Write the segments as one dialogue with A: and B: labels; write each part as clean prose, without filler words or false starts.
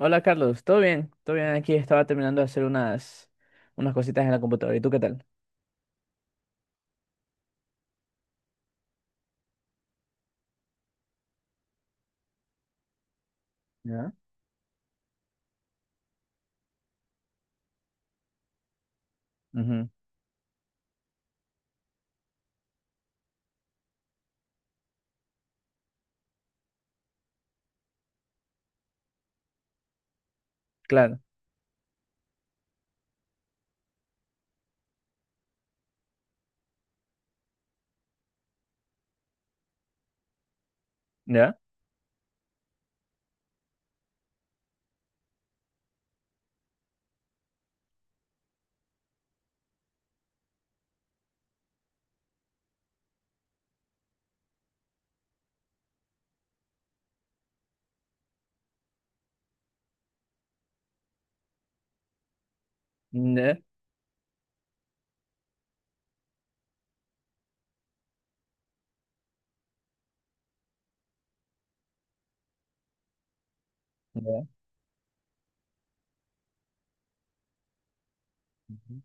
A: Hola Carlos, ¿todo bien? Todo bien, aquí estaba terminando de hacer unas cositas en la computadora. ¿Y tú qué tal? ¿Ya? Ujú, claro. ¿Ya? ¿Ya? ¿Ya? Ujú.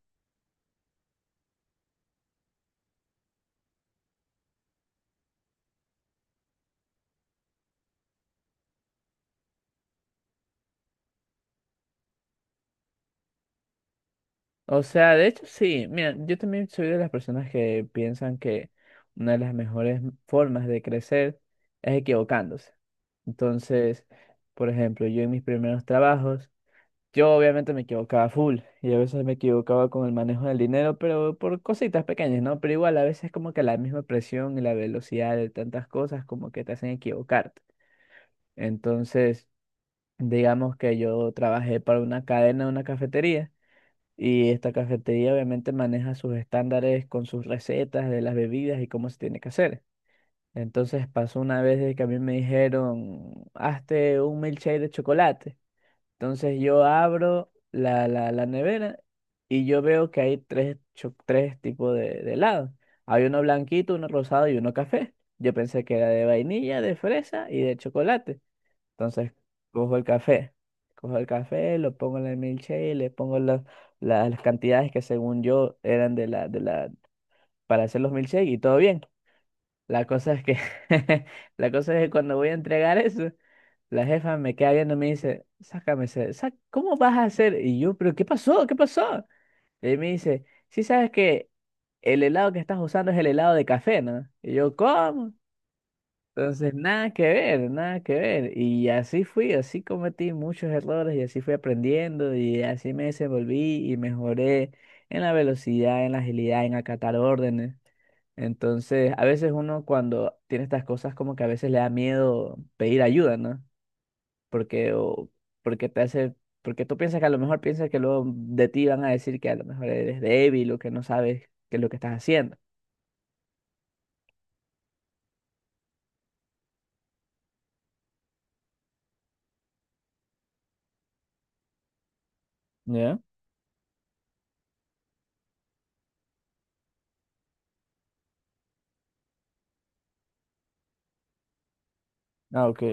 A: O sea, de hecho sí, mira, yo también soy de las personas que piensan que una de las mejores formas de crecer es equivocándose. Entonces, por ejemplo, yo en mis primeros trabajos, yo obviamente me equivocaba full y a veces me equivocaba con el manejo del dinero, pero por cositas pequeñas, ¿no? Pero igual a veces como que la misma presión y la velocidad de tantas cosas como que te hacen equivocarte. Entonces, digamos que yo trabajé para una cadena de una cafetería y esta cafetería obviamente maneja sus estándares con sus recetas de las bebidas y cómo se tiene que hacer. Entonces pasó una vez de que a mí me dijeron, hazte un milkshake de chocolate. Entonces yo abro la nevera y yo veo que hay tres tipos de helado. Hay uno blanquito, uno rosado y uno café. Yo pensé que era de vainilla, de fresa y de chocolate. Entonces cojo el café, cojo el café, lo pongo en el milkshake, le pongo las cantidades que según yo eran de la, para hacer los milkshakes y todo bien. La cosa es que, la cosa es que cuando voy a entregar eso, la jefa me queda viendo y me dice, sácame ese, ¿cómo vas a hacer? Y yo, pero ¿qué pasó? ¿Qué pasó? Y me dice, sí sabes que el helado que estás usando es el helado de café, ¿no? Y yo, ¿cómo? Entonces, nada que ver, nada que ver. Y así fui, así cometí muchos errores y así fui aprendiendo y así me desenvolví y mejoré en la velocidad, en la agilidad, en acatar órdenes. Entonces, a veces uno cuando tiene estas cosas como que a veces le da miedo pedir ayuda, ¿no? Porque, o, porque te hace, porque tú piensas que luego de ti van a decir que a lo mejor eres débil o que no sabes qué es lo que estás haciendo. ¿Ya? Ah, ok.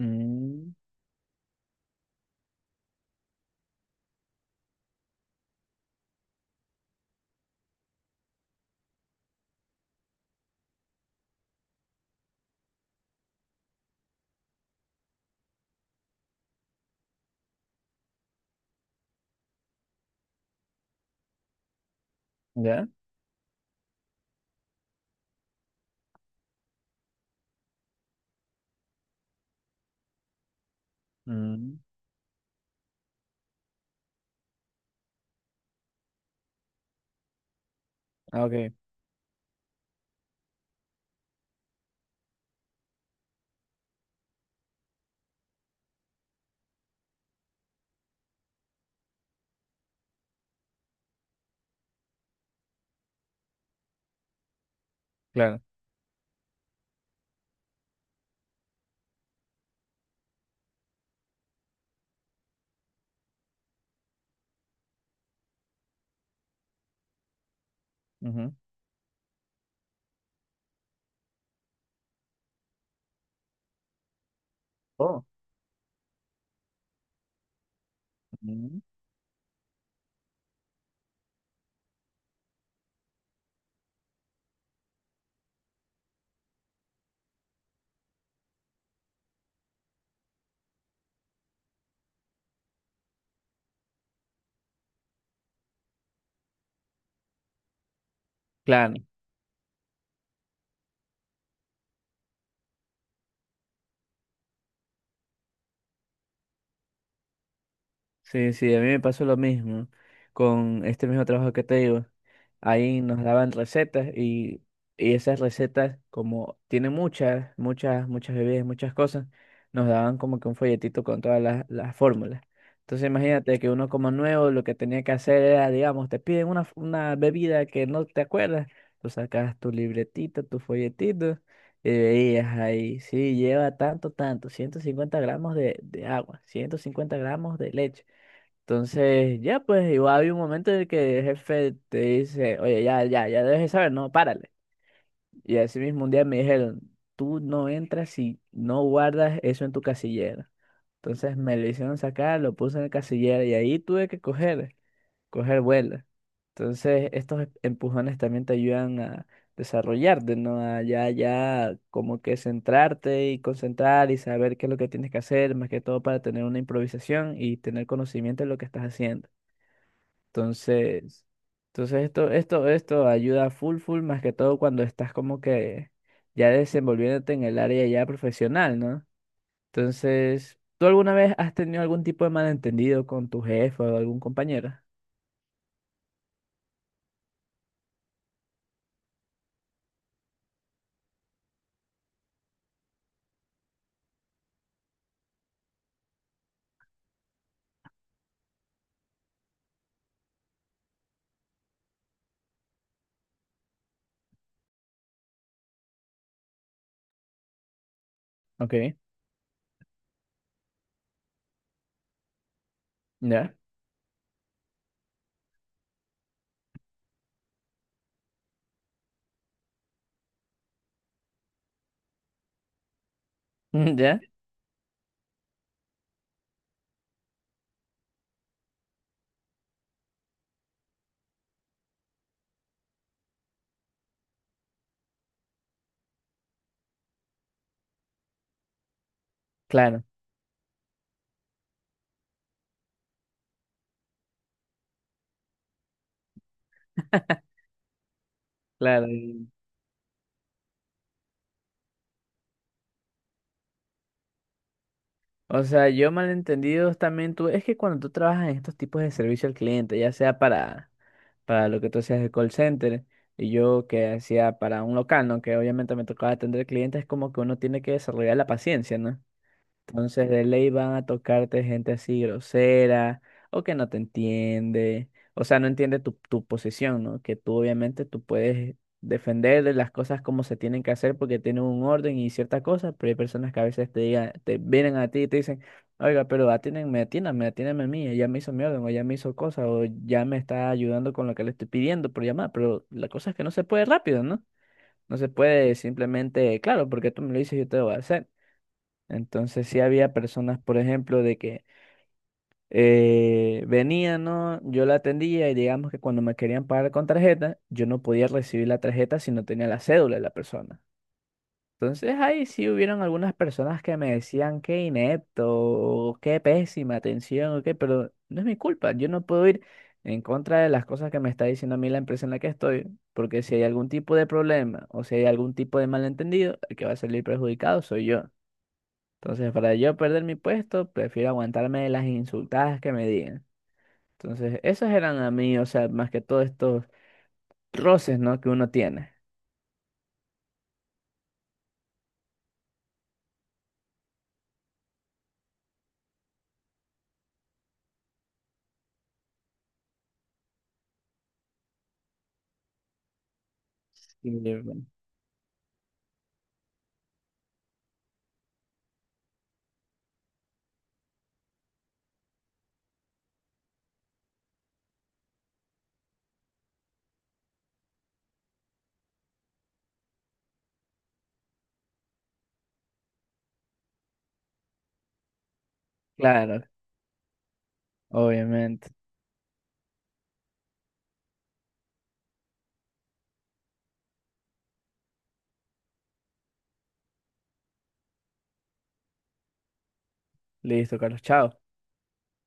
A: Mm, ¿ya? Mm, ah, ok, claro. Ujú. Oh. Mm, claro. Sí, sí, a mí me pasó lo mismo con este mismo trabajo que te digo. Ahí nos daban recetas y esas recetas, como tiene muchas, muchas, muchas bebidas, muchas cosas, nos daban como que un folletito con todas las fórmulas. Entonces imagínate que uno como nuevo lo que tenía que hacer era, digamos, te piden una bebida que no te acuerdas, tú sacas tu libretito, tu folletito y veías ahí, sí, lleva tanto, tanto, 150 gramos de agua, 150 gramos de leche. Entonces, ya pues, igual había un momento en el que el jefe te dice, oye, ya, ya, ya debes de saber, no, párale. Y así mismo un día me dijeron, tú no entras si no guardas eso en tu casillera. Entonces me lo hicieron sacar, lo puse en el casillero y ahí tuve que coger vuelo. Entonces estos empujones también te ayudan a desarrollarte, ¿no? A ya, ya como que centrarte y concentrar y saber qué es lo que tienes que hacer, más que todo para tener una improvisación y tener conocimiento de lo que estás haciendo. Entonces, esto ayuda full, full, más que todo cuando estás como que ya desenvolviéndote en el área ya profesional, ¿no? Entonces, ¿tú alguna vez has tenido algún tipo de malentendido con tu jefe o algún compañero? Ok, ya, ya, claro, claro. O sea, yo malentendidos también tuve, es que cuando tú trabajas en estos tipos de servicio al cliente, ya sea para lo que tú hacías de call center y yo que hacía para un local, ¿no? Que obviamente me tocaba atender clientes, es como que uno tiene que desarrollar la paciencia, ¿no? Entonces de ley van a tocarte gente así grosera o que no te entiende, o sea, no entiende tu posición, ¿no? Que tú obviamente tú puedes defender de las cosas como se tienen que hacer porque tienen un orden y ciertas cosas, pero hay personas que a veces te digan, te vienen a ti y te dicen, oiga, pero atiéndanme, atiéndanme, atiéndanme a mí, ella me hizo mi orden o ella me hizo cosas o ya me está ayudando con lo que le estoy pidiendo por llamar, pero la cosa es que no se puede rápido, ¿no? No se puede simplemente, claro, porque tú me lo dices, yo te lo voy a hacer. Entonces sí había personas, por ejemplo, de que venían, ¿no? Yo la atendía y digamos que cuando me querían pagar con tarjeta, yo no podía recibir la tarjeta si no tenía la cédula de la persona. Entonces ahí sí hubieron algunas personas que me decían qué inepto, o qué pésima atención, o qué, pero no es mi culpa, yo no puedo ir en contra de las cosas que me está diciendo a mí la empresa en la que estoy, porque si hay algún tipo de problema o si hay algún tipo de malentendido, el que va a salir perjudicado soy yo. Entonces, para yo perder mi puesto, prefiero aguantarme las insultadas que me digan. Entonces, esos eran a mí, o sea, más que todo estos roces, ¿no? que uno tiene. Sí, bueno. Claro, obviamente. Listo, Carlos, chao.